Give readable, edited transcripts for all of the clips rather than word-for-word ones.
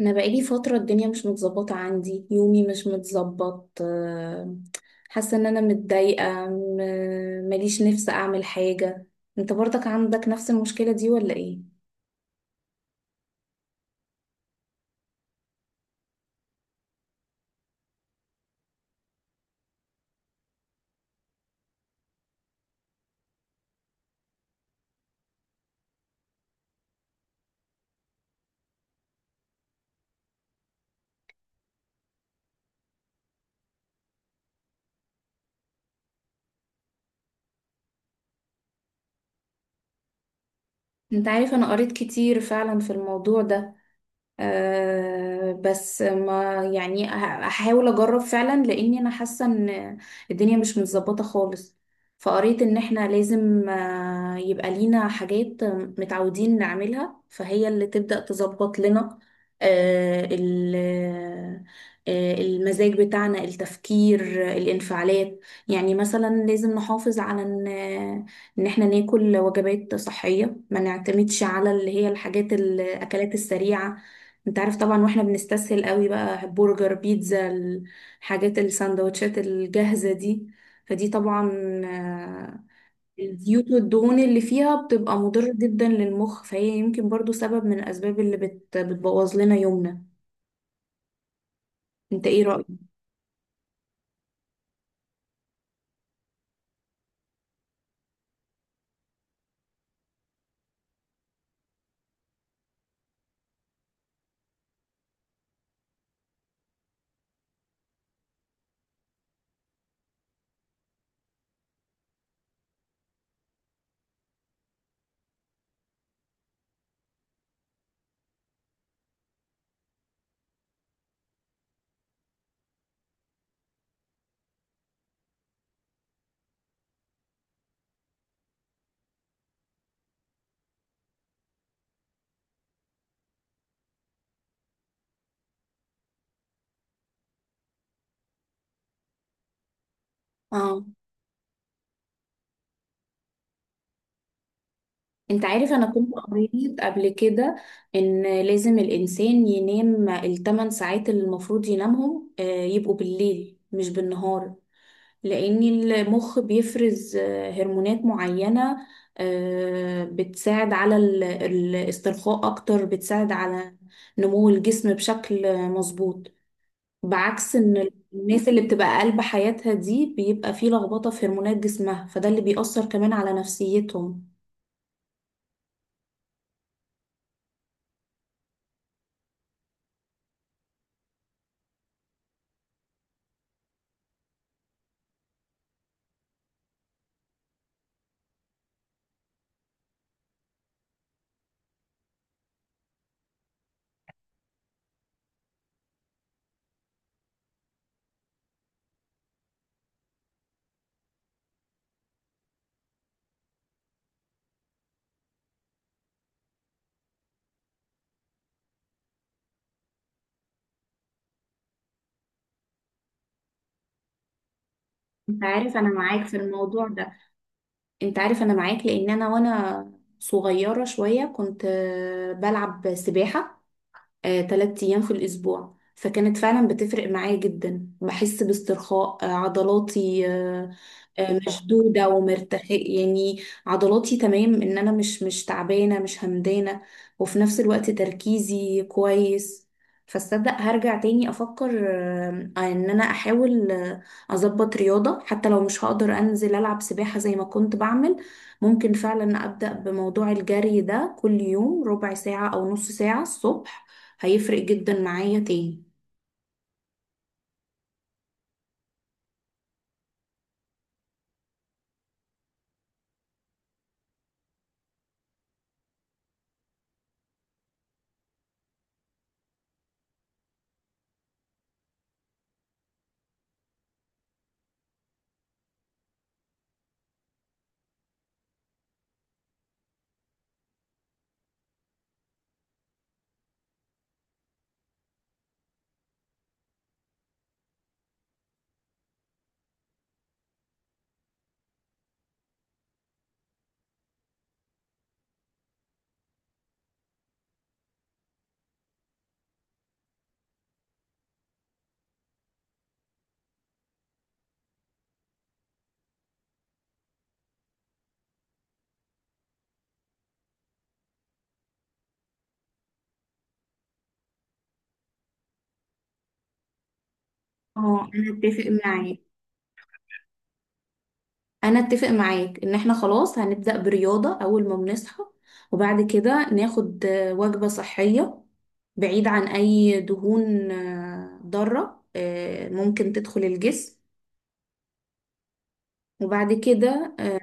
انا بقالي فتره، الدنيا مش متظبطه عندي، يومي مش متظبط. حاسه ان انا متضايقه، ماليش نفس اعمل حاجه. انت برضك عندك نفس المشكله دي ولا ايه؟ انت عارف، انا قريت كتير فعلا في الموضوع ده. أه، بس ما يعني هحاول اجرب فعلا، لاني انا حاسه ان الدنيا مش متظبطه خالص. فقريت ان احنا لازم يبقى لينا حاجات متعودين نعملها، فهي اللي تبدأ تظبط لنا أه ال- المزاج بتاعنا، التفكير، الانفعالات. يعني مثلا لازم نحافظ على ان ان احنا ناكل وجبات صحية، ما نعتمدش على اللي هي الحاجات، الاكلات السريعة. انت عارف طبعا، واحنا بنستسهل قوي بقى برجر، بيتزا، الحاجات، السندوتشات الجاهزة دي. فدي طبعا آه، الزيوت والدهون اللي فيها بتبقى مضرة جدا للمخ، فهي يمكن برضو سبب من الأسباب اللي بتبوظ لنا يومنا. انت ايه رأيك؟ اه، انت عارف، انا كنت قريت قبل كده ان لازم الانسان ينام 8 ساعات اللي المفروض ينامهم يبقوا بالليل مش بالنهار، لأن المخ بيفرز هرمونات معينة بتساعد على الاسترخاء أكتر، بتساعد على نمو الجسم بشكل مظبوط، بعكس إن الناس اللي بتبقى قلب حياتها دي بيبقى فيه لخبطة في هرمونات جسمها، فده اللي بيأثر كمان على نفسيتهم. انت عارف، انا معاك في الموضوع ده. انت عارف، انا معاك لان انا وانا صغيرة شوية كنت بلعب سباحة 3 أيام في الأسبوع، فكانت فعلا بتفرق معايا جدا. بحس باسترخاء عضلاتي مشدودة ومرتخية، يعني عضلاتي تمام، ان انا مش تعبانة، مش همدانة. وفي نفس الوقت تركيزي كويس. فاصدق هرجع تاني افكر ان انا احاول اظبط رياضة. حتى لو مش هقدر انزل العب سباحة زي ما كنت بعمل، ممكن فعلا ابدأ بموضوع الجري ده كل يوم ربع ساعة او نص ساعة الصبح، هيفرق جدا معايا تاني. اه، انا اتفق معاك. انا اتفق معاك ان احنا خلاص هنبدأ برياضة اول ما بنصحى، وبعد كده ناخد وجبة صحية بعيد عن اي دهون ضارة ممكن تدخل الجسم. وبعد كده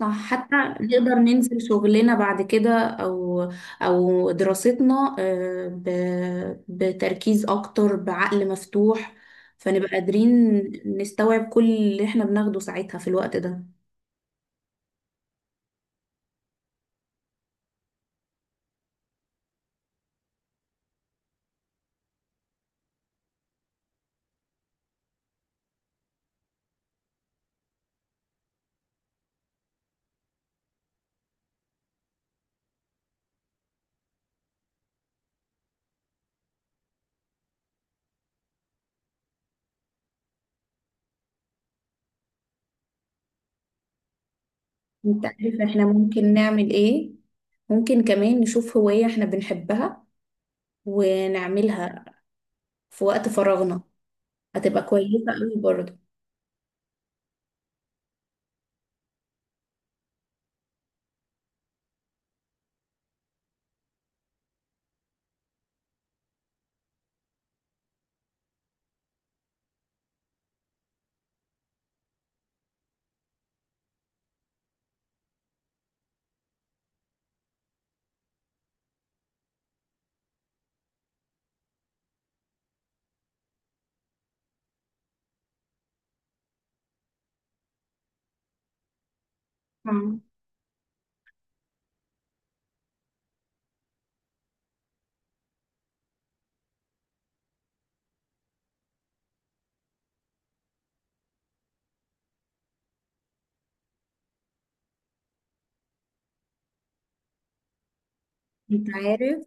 صح، حتى نقدر ننزل شغلنا بعد كده او دراستنا بتركيز اكتر، بعقل مفتوح، فنبقى قادرين نستوعب كل اللي احنا بناخده ساعتها في الوقت ده. انت عارف، احنا ممكن نعمل ايه؟ ممكن كمان نشوف هواية احنا بنحبها ونعملها في وقت فراغنا، هتبقى كويسة قوي برضه. مم. انت عارف.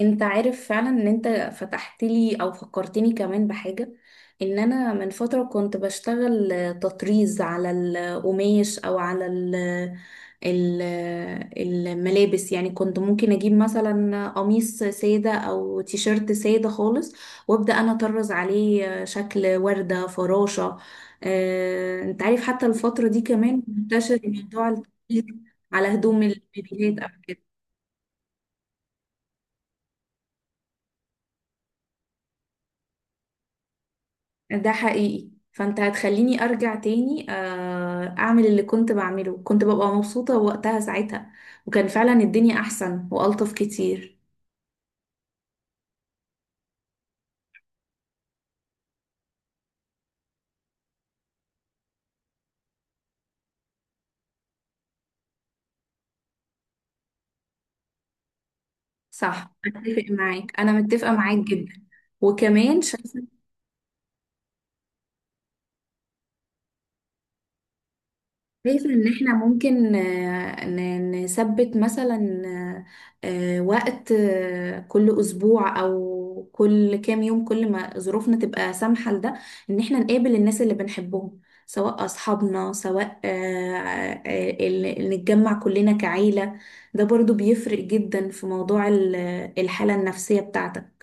انت عارف فعلا ان انت فتحت لي او فكرتني كمان بحاجة. ان انا من فترة كنت بشتغل تطريز على القماش او على ال- الملابس. يعني كنت ممكن اجيب مثلا قميص سادة او تيشيرت سادة خالص، وابدأ انا اطرز عليه شكل وردة، فراشة. اه، انت عارف، حتى الفترة دي كمان منتشر موضوع التطريز على هدوم البيبيات او كده. ده حقيقي. فانت هتخليني ارجع تاني اعمل اللي كنت بعمله. كنت ببقى مبسوطة وقتها ساعتها، وكان فعلا الدنيا احسن والطف كتير. صح، اتفق معاك. انا متفقة معاك جدا. وكمان شايفة إن إحنا ممكن نثبت مثلا وقت كل أسبوع أو كل كام يوم، كل ما ظروفنا تبقى سامحة لده، إن إحنا نقابل الناس اللي بنحبهم، سواء أصحابنا، سواء نتجمع كلنا كعيلة. ده برضو بيفرق جدا في موضوع الحالة النفسية بتاعتك.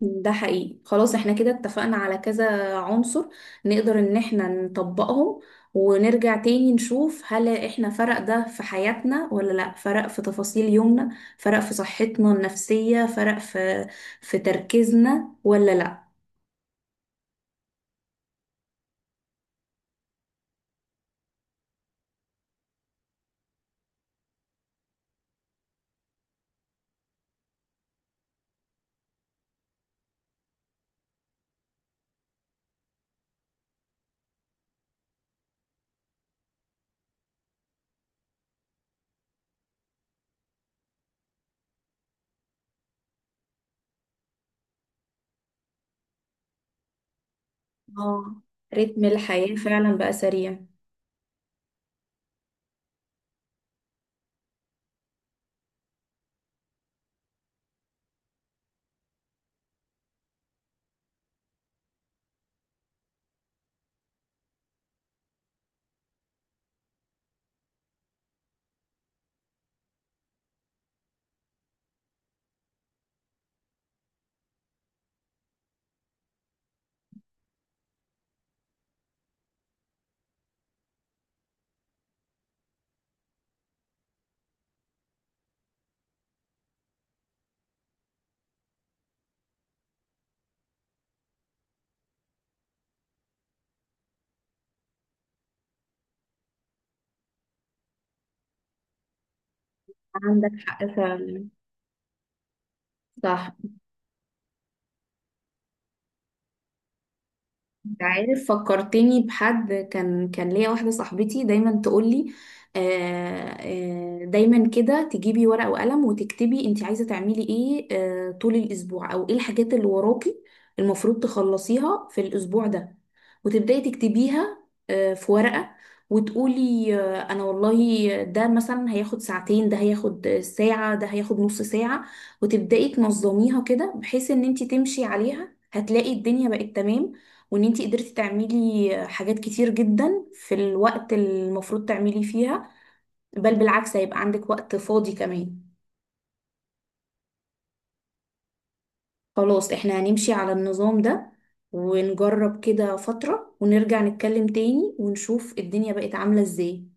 ده حقيقي، خلاص احنا كده اتفقنا على كذا عنصر، نقدر ان احنا نطبقهم، ونرجع تاني نشوف هل احنا فرق ده في حياتنا ولا لا، فرق في تفاصيل يومنا، فرق في صحتنا النفسية، فرق في تركيزنا ولا لا. اه، رتم الحياة فعلا بقى سريع. عندك حق فعلا، صح. انت عارف، فكرتني بحد، كان ليا واحدة صاحبتي دايما تقولي، آه دايما كده تجيبي ورقة وقلم وتكتبي انت عايزة تعملي ايه طول الاسبوع او ايه الحاجات اللي وراكي المفروض تخلصيها في الاسبوع ده، وتبدأي تكتبيها في ورقة، وتقولي انا والله ده مثلا هياخد ساعتين، ده هياخد ساعة، ده هياخد نص ساعة، وتبدأي تنظميها كده بحيث ان انت تمشي عليها، هتلاقي الدنيا بقت تمام. وان انتي قدرتي تعملي حاجات كتير جدا في الوقت المفروض تعملي فيها، بل بالعكس هيبقى عندك وقت فاضي كمان. خلاص احنا هنمشي على النظام ده ونجرب كده فترة، ونرجع نتكلم تاني ونشوف الدنيا بقت عاملة ازاي.